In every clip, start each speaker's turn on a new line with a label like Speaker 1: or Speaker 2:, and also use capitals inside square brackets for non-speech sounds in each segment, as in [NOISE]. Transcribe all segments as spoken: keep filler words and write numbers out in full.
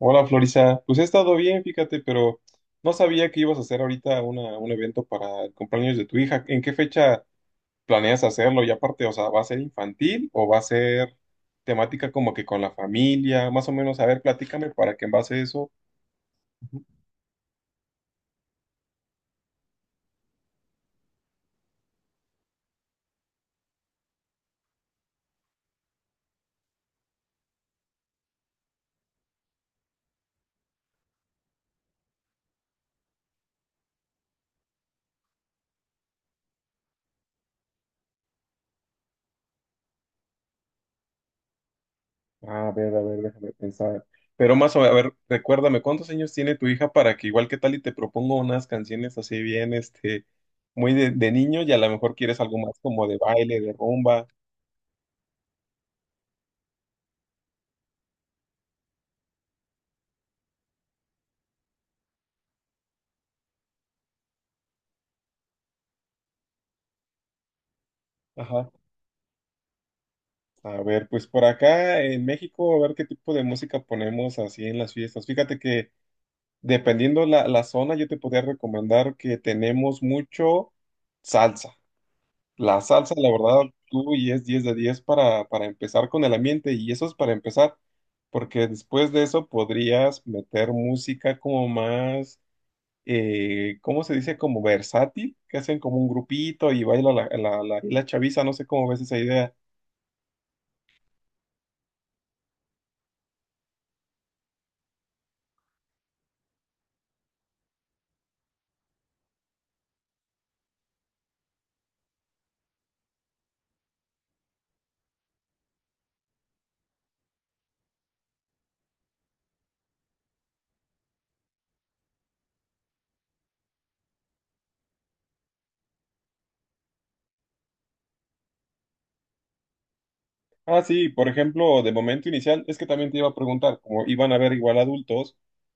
Speaker 1: Hola Florisa, pues he estado bien, fíjate, pero no sabía que ibas a hacer ahorita una, un evento para el cumpleaños de tu hija. ¿En qué fecha planeas hacerlo? Y aparte, o sea, ¿va a ser infantil o va a ser temática como que con la familia? Más o menos, a ver, platícame para que en base a eso. A ver, a ver, déjame pensar. Pero más o menos, a ver, recuérdame, ¿cuántos años tiene tu hija para que igual que tal y te propongo unas canciones así bien, este, muy de, de niño, y a lo mejor quieres algo más como de baile, de rumba? Ajá. A ver, pues por acá en México, a ver qué tipo de música ponemos así en las fiestas. Fíjate que dependiendo la, la zona, yo te podría recomendar que tenemos mucho salsa. La salsa, la verdad, tú y es diez de diez para, para empezar con el ambiente, y eso es para empezar, porque después de eso podrías meter música como más, eh, ¿cómo se dice? Como versátil, que hacen como un grupito y baila la, la, la, la chaviza, no sé cómo ves esa idea. Ah, sí, por ejemplo, de momento inicial, es que también te iba a preguntar, como iban a ver igual adultos,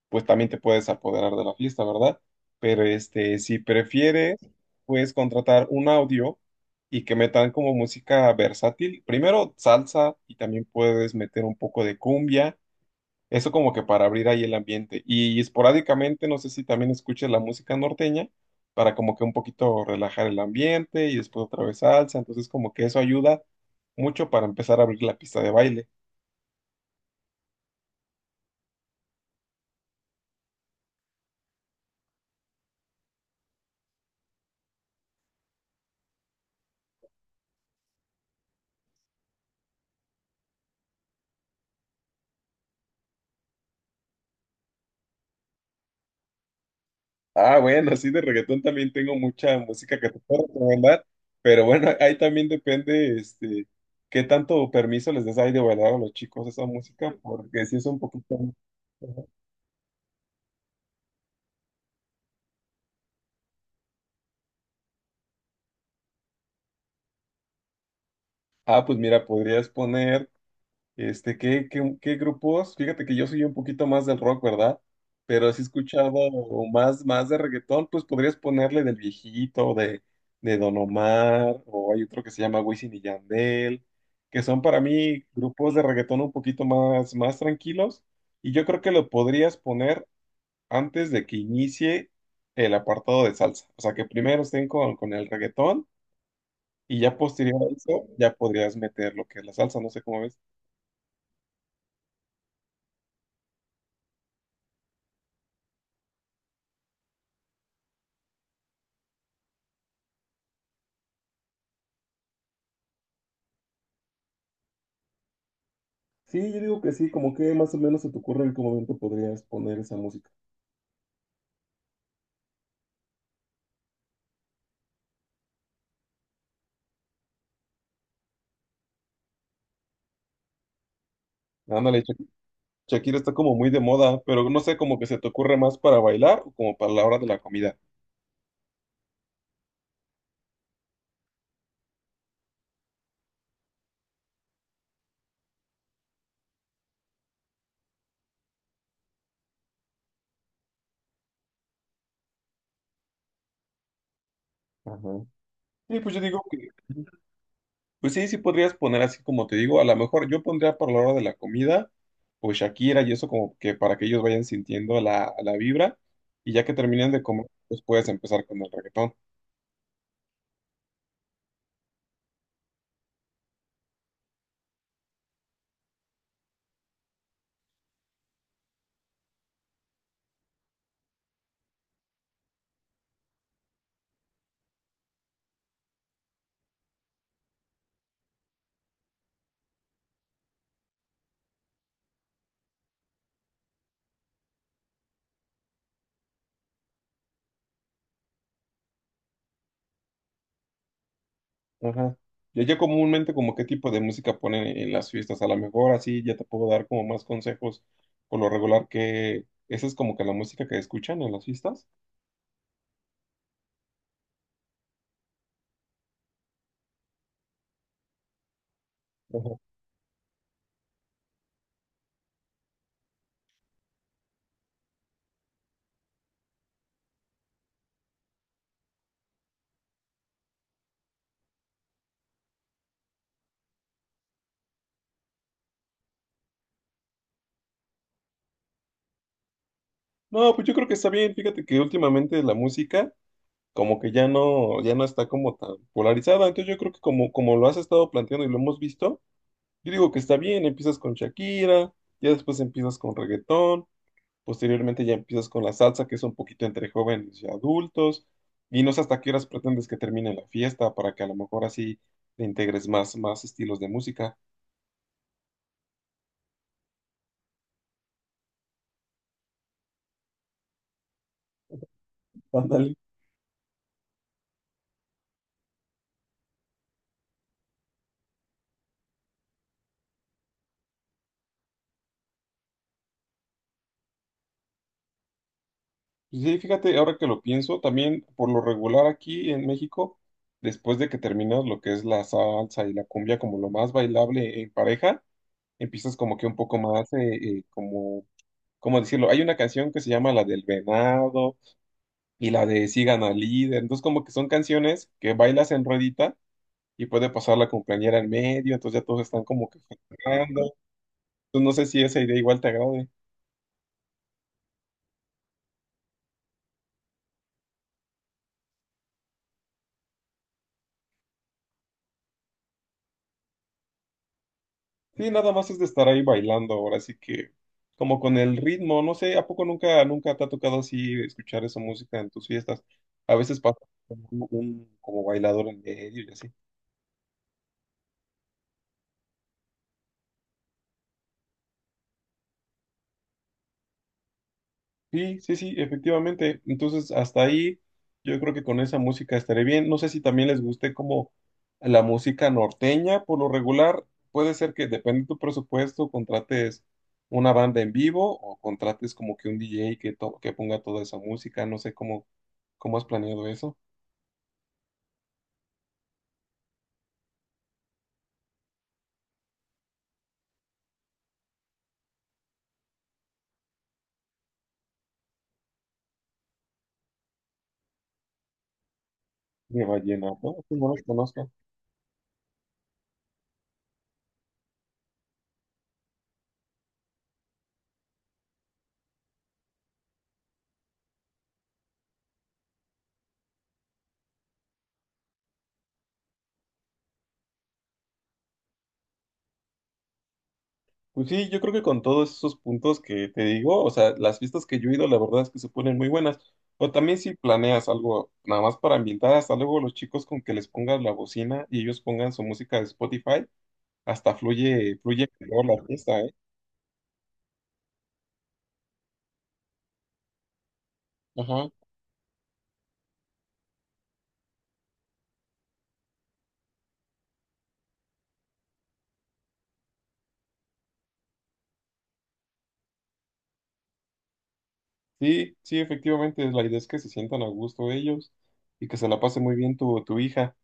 Speaker 1: pues también te puedes apoderar de la fiesta, ¿verdad? Pero este, si prefieres, puedes contratar un audio y que metan como música versátil. Primero salsa y también puedes meter un poco de cumbia. Eso como que para abrir ahí el ambiente. Y, esporádicamente, no sé si también escuches la música norteña para como que un poquito relajar el ambiente y después otra vez salsa. Entonces como que eso ayuda mucho para empezar a abrir la pista de baile. Ah, bueno, así de reggaetón también tengo mucha música que te puedo recomendar, pero bueno, [LAUGHS] ahí también depende, este, qué tanto permiso les des ahí de bailar a los chicos esa música, porque si es un poquito... Ah, pues mira, podrías poner. Este, ¿qué, qué, qué grupos? Fíjate que yo soy un poquito más del rock, ¿verdad? Pero si he escuchado más, más de reggaetón, pues podrías ponerle del viejito, de, de Don Omar, o hay otro que se llama Wisin y Yandel, que son para mí grupos de reggaetón un poquito más, más tranquilos. Y yo creo que lo podrías poner antes de que inicie el apartado de salsa. O sea, que primero estén con, con el reggaetón, y ya posterior a eso ya podrías meter lo que es la salsa, no sé cómo ves. Sí, yo digo que sí, como que más o menos se te ocurre en qué momento podrías poner esa música. Ándale, Sha- Shakira está como muy de moda, pero no sé, como que se te ocurre más para bailar o como para la hora de la comida. Ajá. Sí, pues yo digo que, pues sí, sí podrías poner así como te digo, a lo mejor yo pondría para la hora de la comida, pues Shakira, y eso como que para que ellos vayan sintiendo la, la vibra, y ya que terminen de comer, pues puedes empezar con el reggaetón. Ajá. Y allá comúnmente como qué tipo de música ponen en las fiestas, a lo mejor así ya te puedo dar como más consejos por lo regular, que esa es como que la música que escuchan en las fiestas. Ajá. No, pues yo creo que está bien, fíjate que últimamente la música como que ya no, ya no está como tan polarizada, entonces yo creo que como, como lo has estado planteando y lo hemos visto, yo digo que está bien, empiezas con Shakira, ya después empiezas con reggaetón, posteriormente ya empiezas con la salsa, que es un poquito entre jóvenes y adultos. Y no sé hasta qué horas pretendes que termine la fiesta para que a lo mejor así te integres más, más estilos de música. Ándale. Sí, fíjate, ahora que lo pienso, también por lo regular aquí en México, después de que terminas lo que es la salsa y la cumbia como lo más bailable en pareja, empiezas como que un poco más, eh, eh, como, ¿cómo decirlo? Hay una canción que se llama la del venado y la de Sigan al líder. Entonces como que son canciones que bailas en ruedita y puede pasar la cumpleañera en medio, entonces ya todos están como que festejando. Entonces no sé si esa idea igual te agrade. Sí, nada más es de estar ahí bailando ahora, así que como con el ritmo, no sé, ¿a poco nunca, nunca te ha tocado así escuchar esa música en tus fiestas? A veces pasa un, un como bailador en medio y así. Sí, sí, sí, efectivamente. Entonces, hasta ahí yo creo que con esa música estaré bien. No sé si también les guste como la música norteña, por lo regular, puede ser que depende de tu presupuesto, contrates una banda en vivo o contrates como que un D J que, to- que ponga toda esa música. No sé cómo, cómo has planeado eso. De vallenato. Sí, no los conozco. Pues sí, yo creo que con todos esos puntos que te digo, o sea, las fiestas que yo he ido, la verdad es que se ponen muy buenas. O también si planeas algo nada más para ambientar, hasta luego los chicos con que les pongas la bocina y ellos pongan su música de Spotify, hasta fluye, fluye mejor la fiesta, ¿eh? Ajá. Sí, sí, efectivamente, la idea es que se sientan a gusto ellos y que se la pase muy bien tu, tu hija.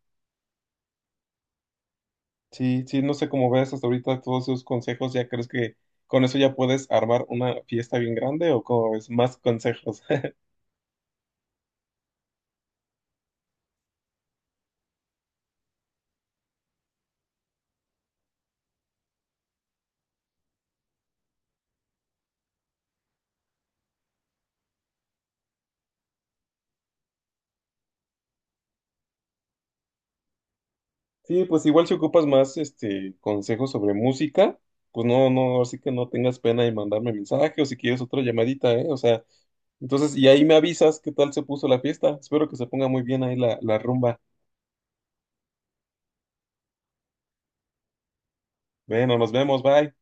Speaker 1: Sí, sí, no sé cómo ves hasta ahorita todos esos consejos, ¿ya crees que con eso ya puedes armar una fiesta bien grande o cómo ves más consejos? Sí, pues igual si ocupas más este consejos sobre música, pues no, no, así que no tengas pena en mandarme mensaje o si quieres otra llamadita, ¿eh? O sea, entonces, y ahí me avisas qué tal se puso la fiesta. Espero que se ponga muy bien ahí la, la rumba. Bueno, nos vemos, bye.